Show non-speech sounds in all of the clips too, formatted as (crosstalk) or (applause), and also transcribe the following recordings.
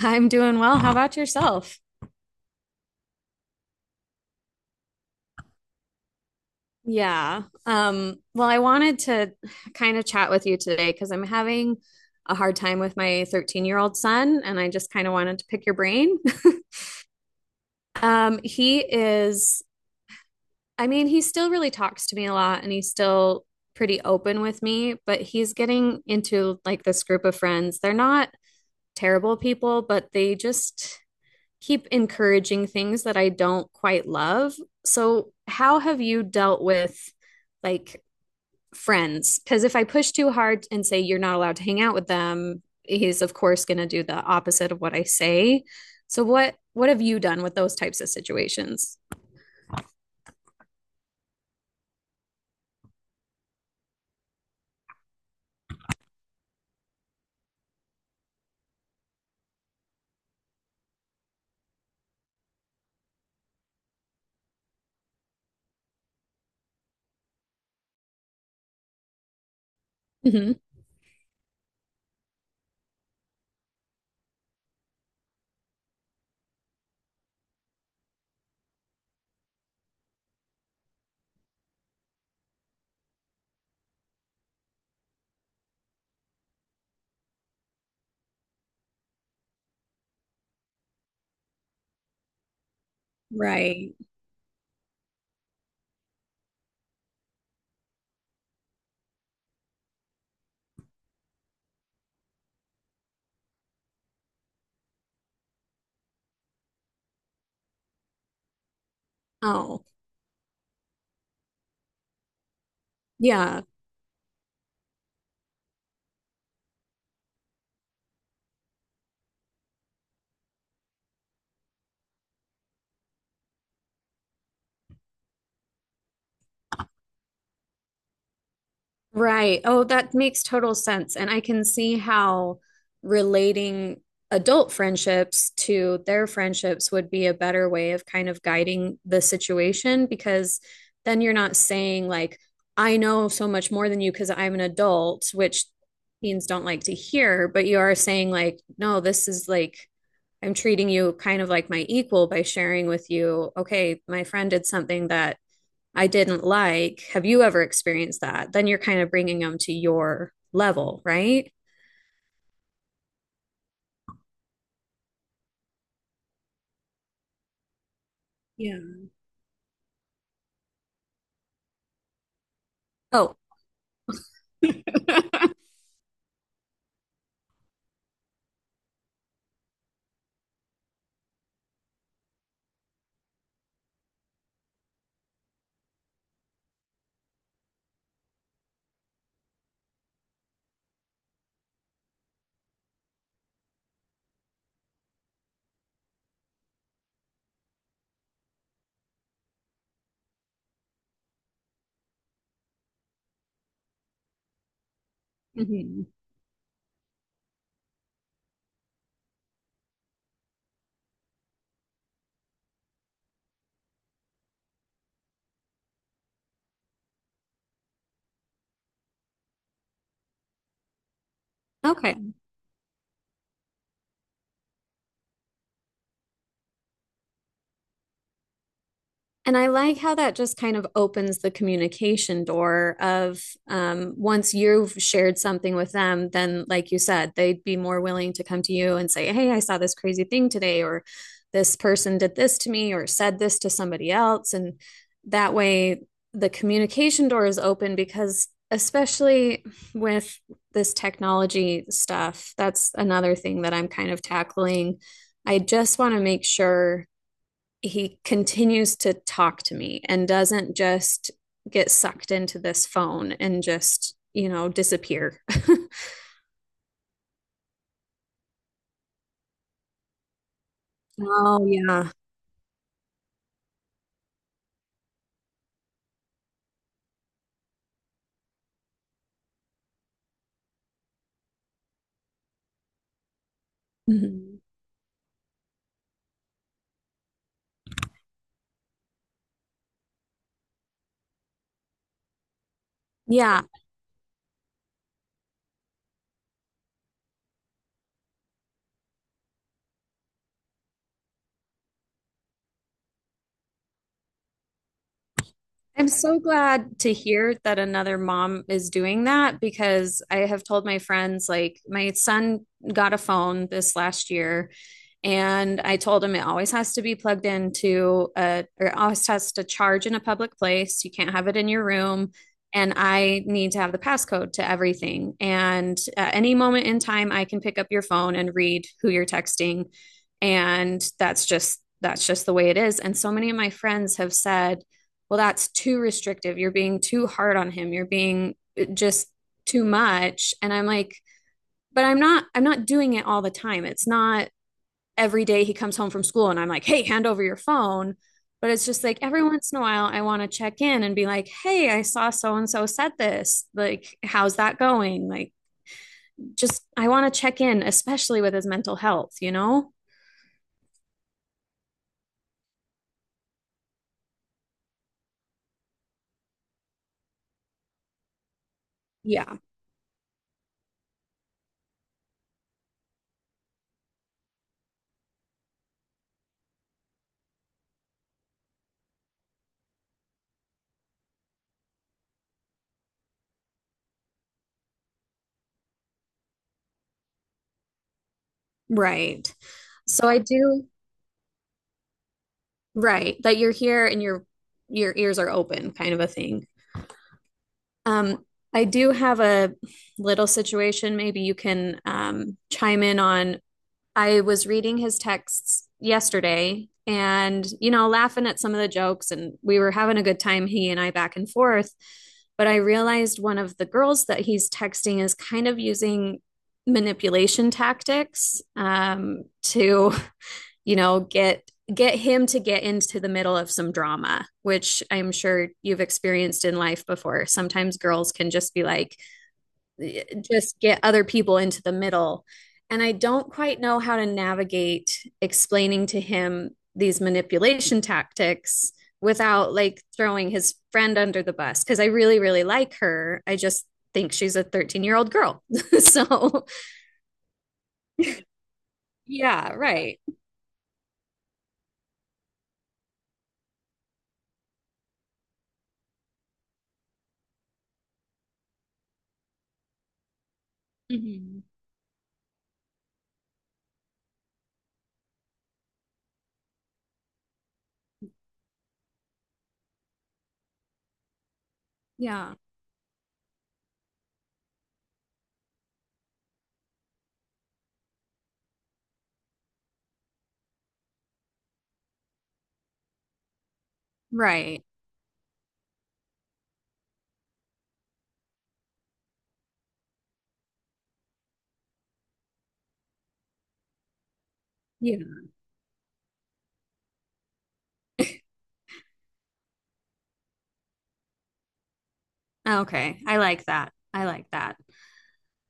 I'm doing well. How about yourself? Yeah. I wanted to kind of chat with you today because I'm having a hard time with my 13-year-old son, and I just kind of wanted to pick your brain. (laughs) Um, he is, I mean, he still really talks to me a lot and he's still pretty open with me, but he's getting into like this group of friends. They're not terrible people, but they just, keep encouraging things that I don't quite love. So, how have you dealt with like friends? Because if I push too hard and say you're not allowed to hang out with them, he's of course going to do the opposite of what I say. So, what have you done with those types of situations? hmm Right. Oh, yeah. Right. Oh, that makes total sense. And I can see how relating adult friendships to their friendships would be a better way of kind of guiding the situation because then you're not saying, like, I know so much more than you because I'm an adult, which teens don't like to hear, but you are saying, like, no, this is like, I'm treating you kind of like my equal by sharing with you, okay, my friend did something that I didn't like, have you ever experienced that? Then you're kind of bringing them to your level, right? Yeah. Oh, hmm okay. And I like how that just kind of opens the communication door of once you've shared something with them, then, like you said, they'd be more willing to come to you and say, hey, I saw this crazy thing today, or this person did this to me, or said this to somebody else. And that way, the communication door is open because, especially with this technology stuff, that's another thing that I'm kind of tackling. I just want to make sure he continues to talk to me and doesn't just get sucked into this phone and just, disappear. (laughs) Oh, yeah. Mhm. Yeah. I'm so glad to hear that another mom is doing that because I have told my friends, like, my son got a phone this last year, and I told him it always has to be plugged into a, or it always has to charge in a public place. You can't have it in your room. And I need to have the passcode to everything. And at any moment in time, I can pick up your phone and read who you're texting. And that's just the way it is. And so many of my friends have said, well, that's too restrictive. You're being too hard on him. You're being just too much. And I'm like, but I'm not doing it all the time. It's not every day he comes home from school and I'm like, hey, hand over your phone. But it's just like every once in a while, I want to check in and be like, hey, I saw so and so said this. Like, how's that going? Like, just I want to check in, especially with his mental health, you know? Yeah. Right. So I do, right, that you're here and your ears are open kind of a thing. Um, I do have a little situation maybe you can chime in on. I was reading his texts yesterday and, you know, laughing at some of the jokes, and we were having a good time, he and I back and forth. But I realized one of the girls that he's texting is kind of using manipulation tactics to, you know, get him to get into the middle of some drama, which I'm sure you've experienced in life before. Sometimes girls can just be like, just get other people into the middle. And I don't quite know how to navigate explaining to him these manipulation tactics without like throwing his friend under the bus because I really, really like her. I just think she's a 13-year-old girl. (laughs) So, yeah, right. Mhm. Yeah, right. Yeah. Okay. I like that. I like that.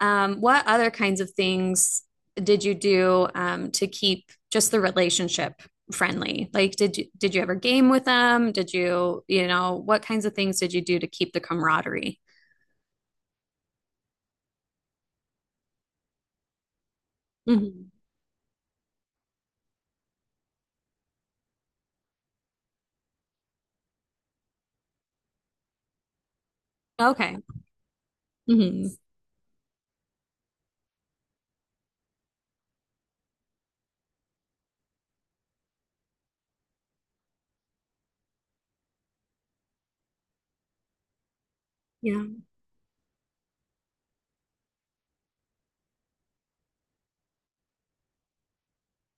What other kinds of things did you do to keep just the relationship friendly? Like, did you ever game with them? Did you, you know, what kinds of things did you do to keep the camaraderie? Mhm. Okay. hmm Yeah.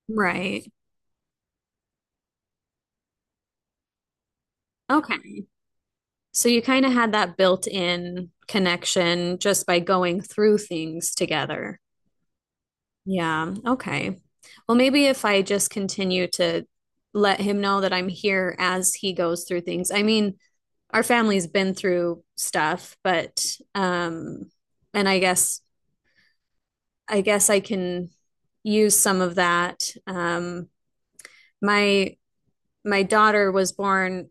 Right. Okay. So you kind of had that built-in connection just by going through things together. Yeah. Okay. Well, maybe if I just continue to let him know that I'm here as he goes through things. I mean, our family's been through stuff, but um and I guess I can use some of that. My my daughter was born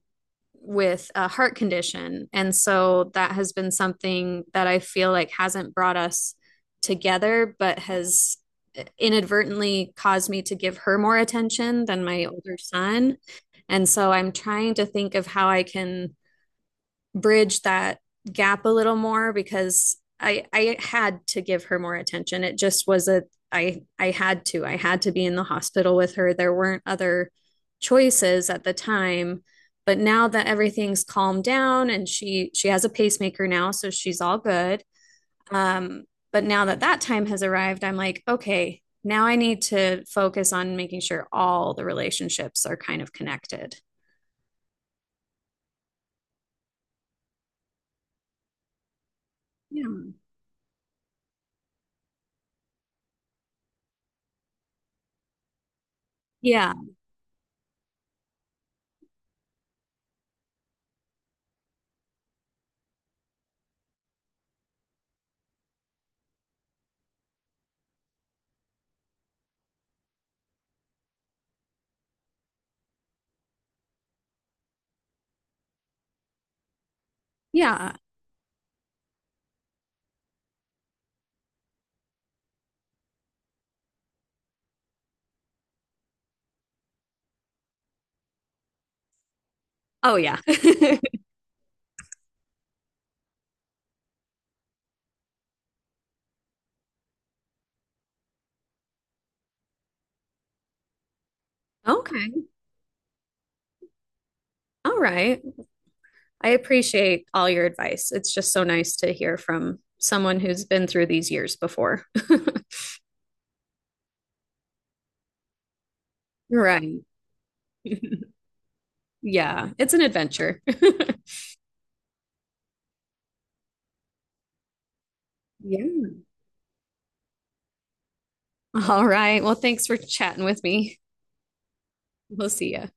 with a heart condition. And so that has been something that I feel like hasn't brought us together, but has inadvertently caused me to give her more attention than my older son. And so I'm trying to think of how I can bridge that gap a little more because I had to give her more attention. It just was a I had to. I had to be in the hospital with her. There weren't other choices at the time, but now that everything's calmed down and she has a pacemaker now, so she's all good. Um, but now that that time has arrived, I'm like, okay, now I need to focus on making sure all the relationships are kind of connected. Yeah. Yeah. Yeah. Oh yeah. (laughs) Okay. All right. I appreciate all your advice. It's just so nice to hear from someone who's been through these years before. (laughs) Right. (laughs) Yeah, it's an adventure. (laughs) Yeah. All right. Well, thanks for chatting with me. We'll see you.